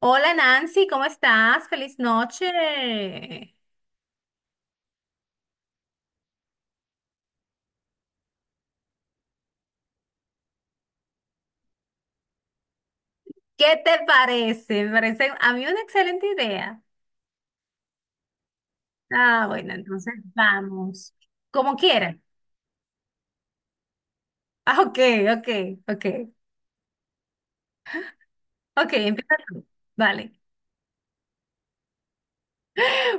Hola Nancy, ¿cómo estás? Feliz noche. ¿Qué te parece? Me parece a mí una excelente idea. Ah, bueno, entonces vamos. Como quieras. Ah, ok, ok, ok. Ok, empieza tú. Vale.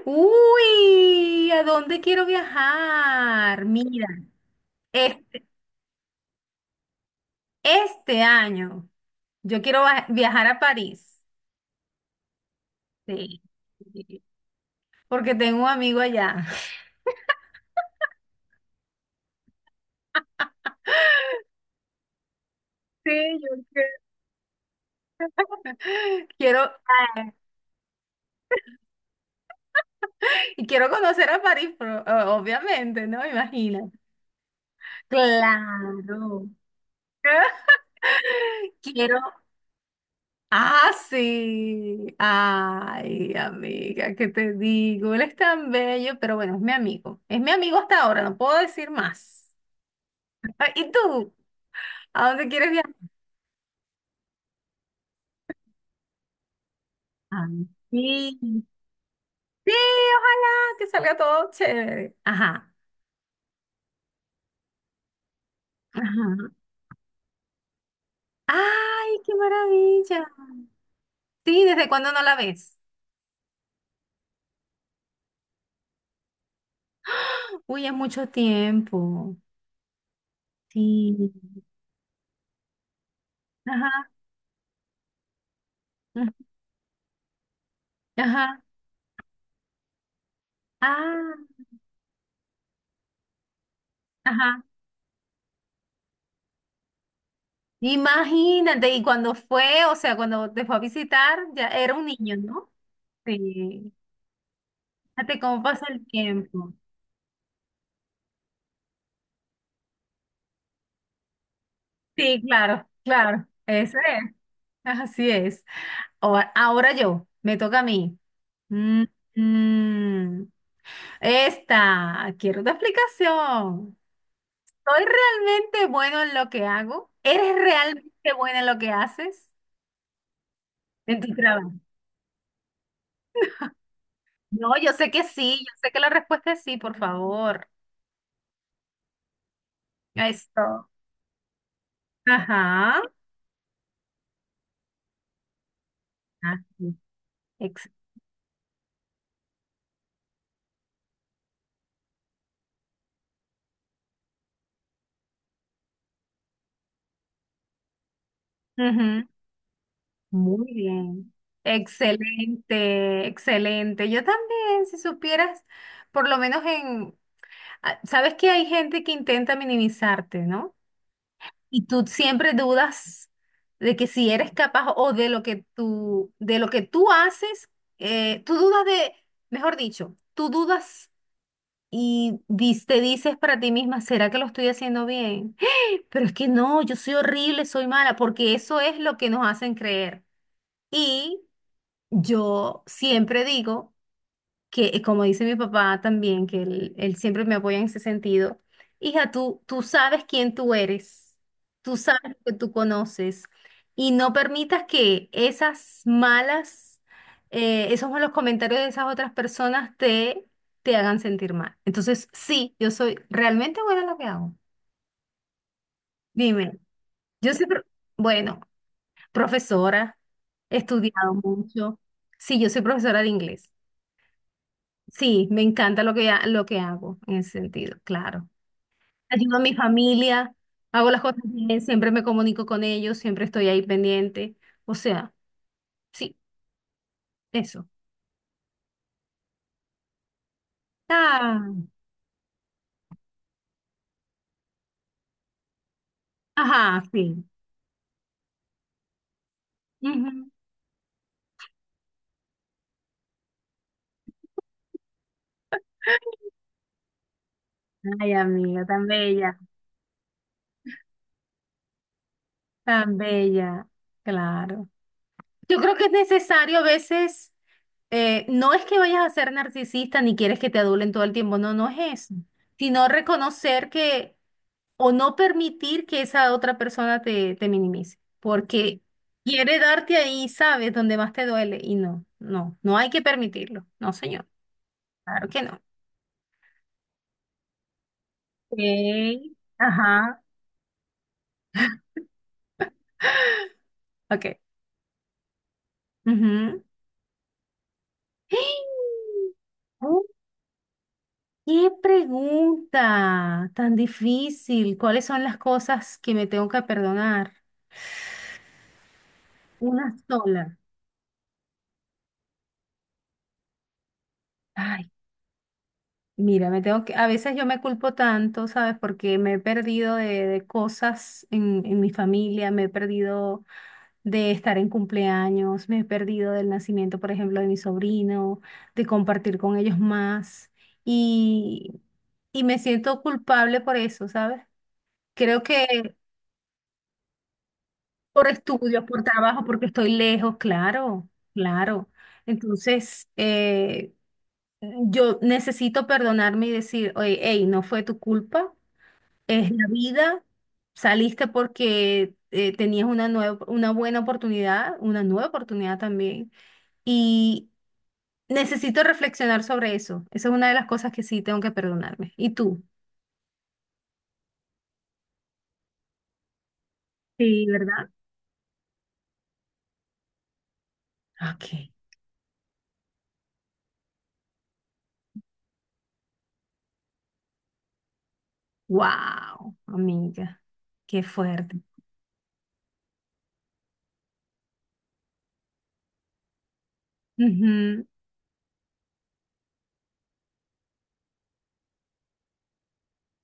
Uy, ¿a dónde quiero viajar? Mira, este, este año yo quiero viajar a París. Sí. Porque tengo un amigo allá. Sí, yo quiero. Quiero. Y quiero conocer a París, pero, obviamente, ¿no? Imagina. Claro. Quiero. Ah, sí. Ay, amiga, ¿qué te digo? Él es tan bello, pero bueno, es mi amigo. Es mi amigo hasta ahora, no puedo decir más. ¿Y tú? ¿A dónde quieres viajar? Ay, sí. Sí, ojalá que salga todo chévere. Ajá. Ajá. Ay, qué maravilla. Sí, ¿desde cuándo no la ves? Uy, es mucho tiempo. Sí. Ajá. Ujú, ajá. Ah, ajá. Imagínate, y cuando fue, o sea, cuando te fue a visitar, ya era un niño, ¿no? Sí. Fíjate cómo pasa el tiempo. Sí, claro, claro. Eso es. Así es. Ahora yo, me toca a mí. Mm, mm. Esta, quiero una explicación. ¿Soy realmente bueno en lo que hago? ¿Eres realmente buena en lo que haces? En tu trabajo. No, yo sé que sí, yo sé que la respuesta es sí, por favor. Eso. Ajá. Así. Ex- Ujú. Muy bien. Excelente, excelente. Yo también, si supieras, por lo menos en, ah, sabes que hay gente que intenta minimizarte, ¿no? Y tú siempre dudas de que si eres capaz o de lo que tú haces, eh, tú dudas de, mejor dicho, tú dudas y te dices para ti misma, ¿será que lo estoy haciendo bien? Pero es que no, yo soy horrible, soy mala, porque eso es lo que nos hacen creer. Y yo siempre digo que como dice mi papá también, que él siempre me apoya en ese sentido, hija, tú sabes quién tú eres, tú sabes lo que tú conoces y no permitas que esos malos comentarios de esas otras personas te hagan sentir mal. Entonces, sí, yo soy realmente buena en lo que hago. Dime, yo soy, pro- bueno, profesora, he estudiado mucho, sí, yo soy profesora de inglés. Sí, me encanta lo que lo que hago en ese sentido, claro. Ayudo a mi familia, hago las cosas bien, siempre me comunico con ellos, siempre estoy ahí pendiente. O sea, sí, eso. Ah, ajá, sí. Ujú. Ay, amiga, tan bella, claro. Yo creo que es necesario a veces, no es que vayas a ser narcisista ni quieres que te adulen todo el tiempo, no, no es eso, sino reconocer que o no permitir que esa otra persona te minimice, porque quiere darte ahí, sabes, donde más te duele y no, no, no hay que permitirlo, no, señor, claro que no. Ok, ajá, ok. Ujú. Oh, ¿qué pregunta tan difícil? ¿Cuáles son las cosas que me tengo que perdonar? Una sola. Ay, mira, me tengo que, a veces yo me culpo tanto, ¿sabes? Porque me he perdido de cosas en mi familia, me he perdido de estar en cumpleaños, me he perdido del nacimiento, por ejemplo, de mi sobrino, de compartir con ellos más y, y me siento culpable por eso, ¿sabes? Creo que por estudios, por trabajo, porque estoy lejos, claro, claro. Entonces, yo necesito perdonarme y decir, oye, hey, no fue tu culpa. Es la vida, saliste porque tenías una nueva, una buena oportunidad, una nueva oportunidad también. Y necesito reflexionar sobre eso. Esa es una de las cosas que sí tengo que perdonarme. ¿Y tú? Sí, ¿verdad? Ok. Wow, amiga, qué fuerte. Ujú,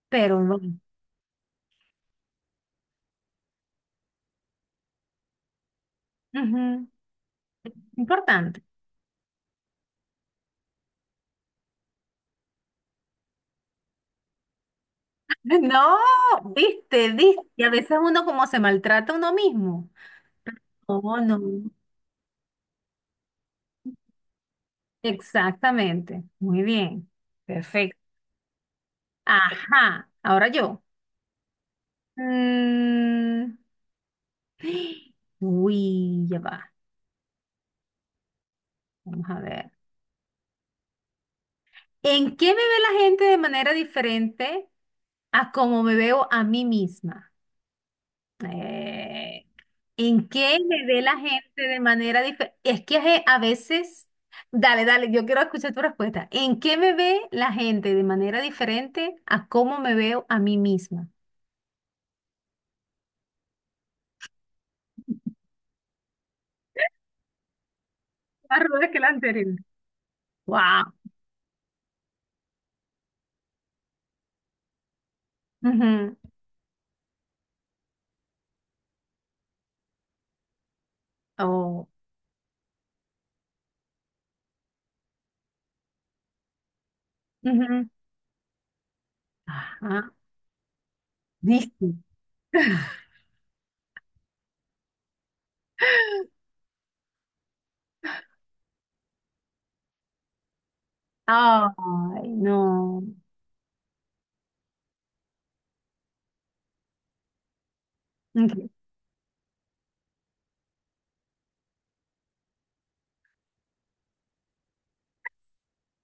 pero bueno, ujú, importante. No, viste, viste. Y a veces uno como se maltrata a uno mismo. Oh, no. Exactamente. Muy bien. Perfecto. Ajá. Ahora yo. Mm, uy, ya va. Vamos a ver. ¿En qué me ve la gente de manera diferente a cómo me veo a mí misma? Eh, ¿En qué me ve la gente de manera diferente? Es que a veces, dale, dale, yo quiero escuchar tu respuesta. ¿En qué me ve la gente de manera diferente a cómo me veo a mí misma? Más ruda que la anterior. Wow. Ujú. Oh, ujú. Ajá. ¿Viste? Ay, no. Ok,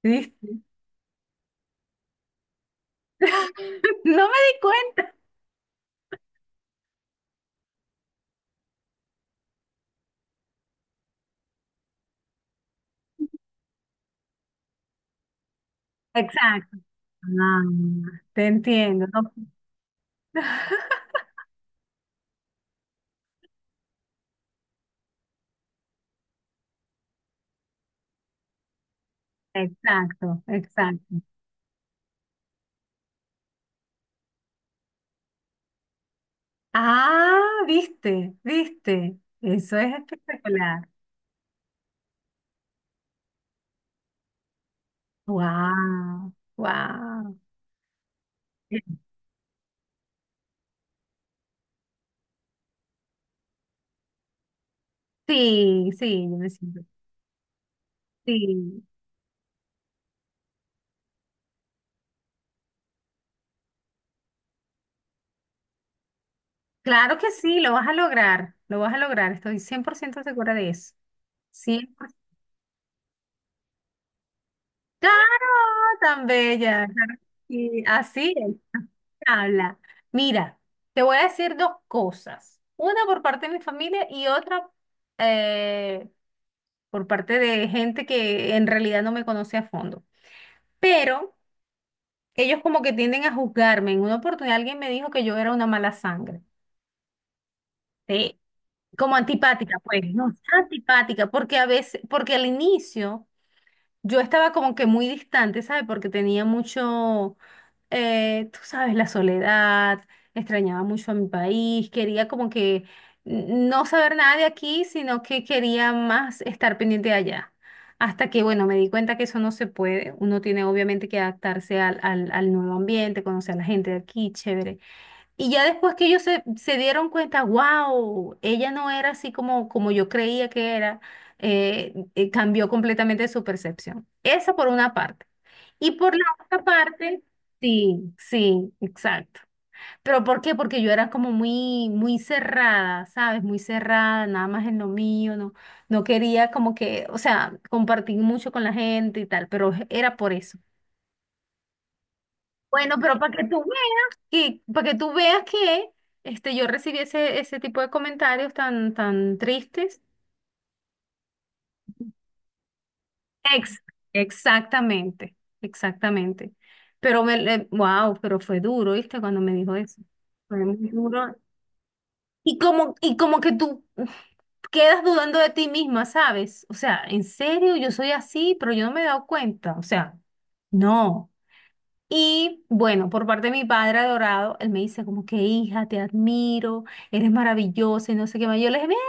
¿viste? No me di cuenta. Exacto. Ah, te entiendo. No. Exacto, exacto. Ah, viste, viste. Eso es espectacular. Wow, wow. Sí, sí, yo me siento. Sí, claro que sí, lo vas a lograr, lo vas a lograr, estoy 100% segura de eso. Claro, tan bella, claro que sí, así es. Habla. Mira, te voy a decir dos cosas. Una por parte de mi familia y otra eh, por parte de gente que en realidad no me conoce a fondo. Pero ellos como que tienden a juzgarme. En una oportunidad alguien me dijo que yo era una mala sangre. Sí. Como antipática, pues. No, antipática, porque a veces, porque al inicio yo estaba como que muy distante, ¿sabes? Porque tenía mucho tú sabes, la soledad, extrañaba mucho a mi país, quería como que no saber nada de aquí, sino que quería más estar pendiente de allá. Hasta que, bueno, me di cuenta que eso no se puede. Uno tiene obviamente que adaptarse al nuevo ambiente, conocer a la gente de aquí, chévere. Y ya después que se dieron cuenta, wow, ella no era así como, como yo creía que era, cambió completamente su percepción. Esa por una parte. Y por la otra parte, sí, sí, exacto. Pero ¿por qué? Porque yo era como muy, muy cerrada, ¿sabes? Muy cerrada, nada más en lo mío, no, no quería como que, o sea, compartir mucho con la gente y tal, pero era por eso. Bueno, pero para que tú veas que, para que tú veas que este, yo recibí ese tipo de comentarios tan, tan tristes. Ex- exactamente, exactamente. Pero me, wow, pero fue duro, ¿viste? Cuando me dijo eso. Fue muy duro. Y como que tú quedas dudando de ti misma, ¿sabes? O sea, ¿en serio yo soy así? Pero yo no me he dado cuenta. O sea, no. Y bueno, por parte de mi padre adorado, él me dice como que hija, te admiro, eres maravillosa y no sé qué más. Yo le dije, "Mira,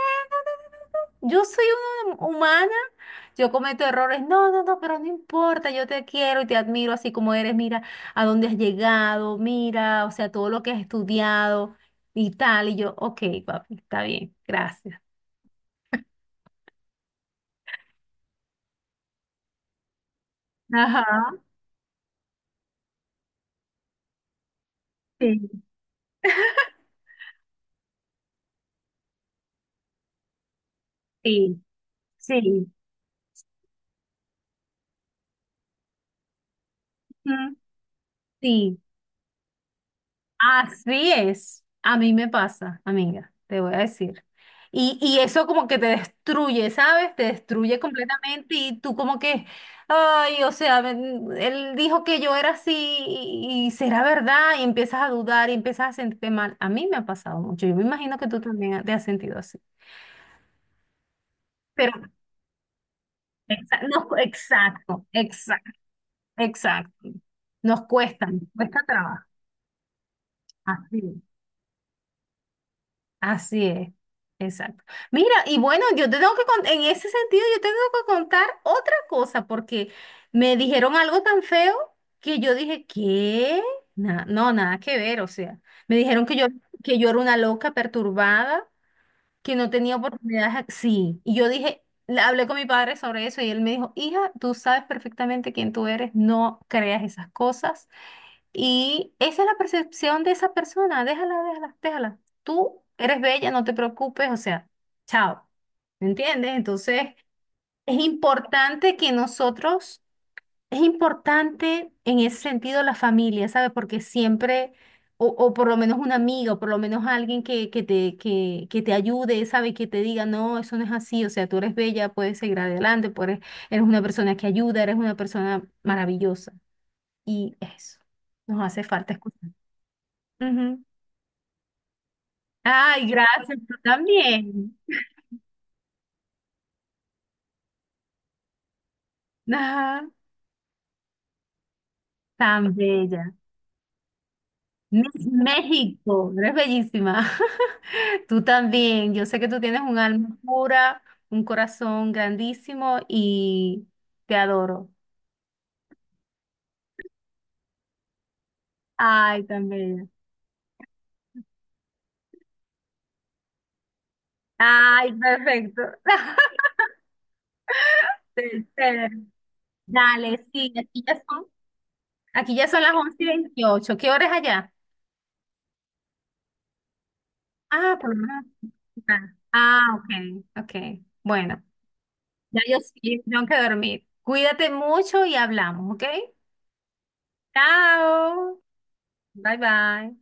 no, no, no, no, yo soy una humana, yo cometo errores. No, no, no, pero no importa, yo te quiero y te admiro así como eres. Mira a dónde has llegado, mira, o sea, todo lo que has estudiado y tal. Y yo, ok, papi, está bien, gracias. Ajá, sí, sí, sí. Ujú, sí. Así es. A mí me pasa, amiga, te voy a decir. Y eso como que te destruye, ¿sabes? Te destruye completamente y tú como que, ay, o sea, ven, él dijo que yo era así y será verdad y empiezas a dudar y empiezas a sentirte mal. A mí me ha pasado mucho. Yo me imagino que tú también te has sentido así. Pero, no, exacto, exacto, exacto. Nos cuesta trabajo. Así, así es, exacto. Mira, y bueno, yo te tengo que contar, en ese sentido, yo te tengo que contar otra cosa, porque me dijeron algo tan feo que yo dije, ¿qué? No, nada que ver, o sea, me dijeron que yo era una loca perturbada, que no tenía oportunidades, sí, y yo dije, le hablé con mi padre sobre eso y él me dijo, hija, tú sabes perfectamente quién tú eres, no creas esas cosas. Y esa es la percepción de esa persona. Déjala, déjala, déjala. Tú eres bella, no te preocupes, o sea, chao. ¿Me entiendes? Entonces, es importante que nosotros, es importante en ese sentido la familia, ¿sabes? Porque siempre, o por lo menos un amigo, o por lo menos alguien que te ayude, ¿sabes? Que te diga, no, eso no es así, o sea, tú eres bella, puedes seguir adelante, eres una persona que ayuda, eres una persona maravillosa. Y eso, nos hace falta escuchar. Ujú. Ay, gracias, tú también. Ajá, tan bella. Miss México, eres bellísima. Tú también. Yo sé que tú tienes un alma pura, un corazón grandísimo y te adoro. Ay, tan bella. Ay, perfecto. Chévere. Dale, sí, aquí ya son las 11 y 28. ¿Qué hora es allá? Ah, por lo menos. Ah, ah, ok, ok. Bueno. Ya yo sí, tengo que dormir. Cuídate mucho y hablamos, ¿ok? Chao. Bye bye.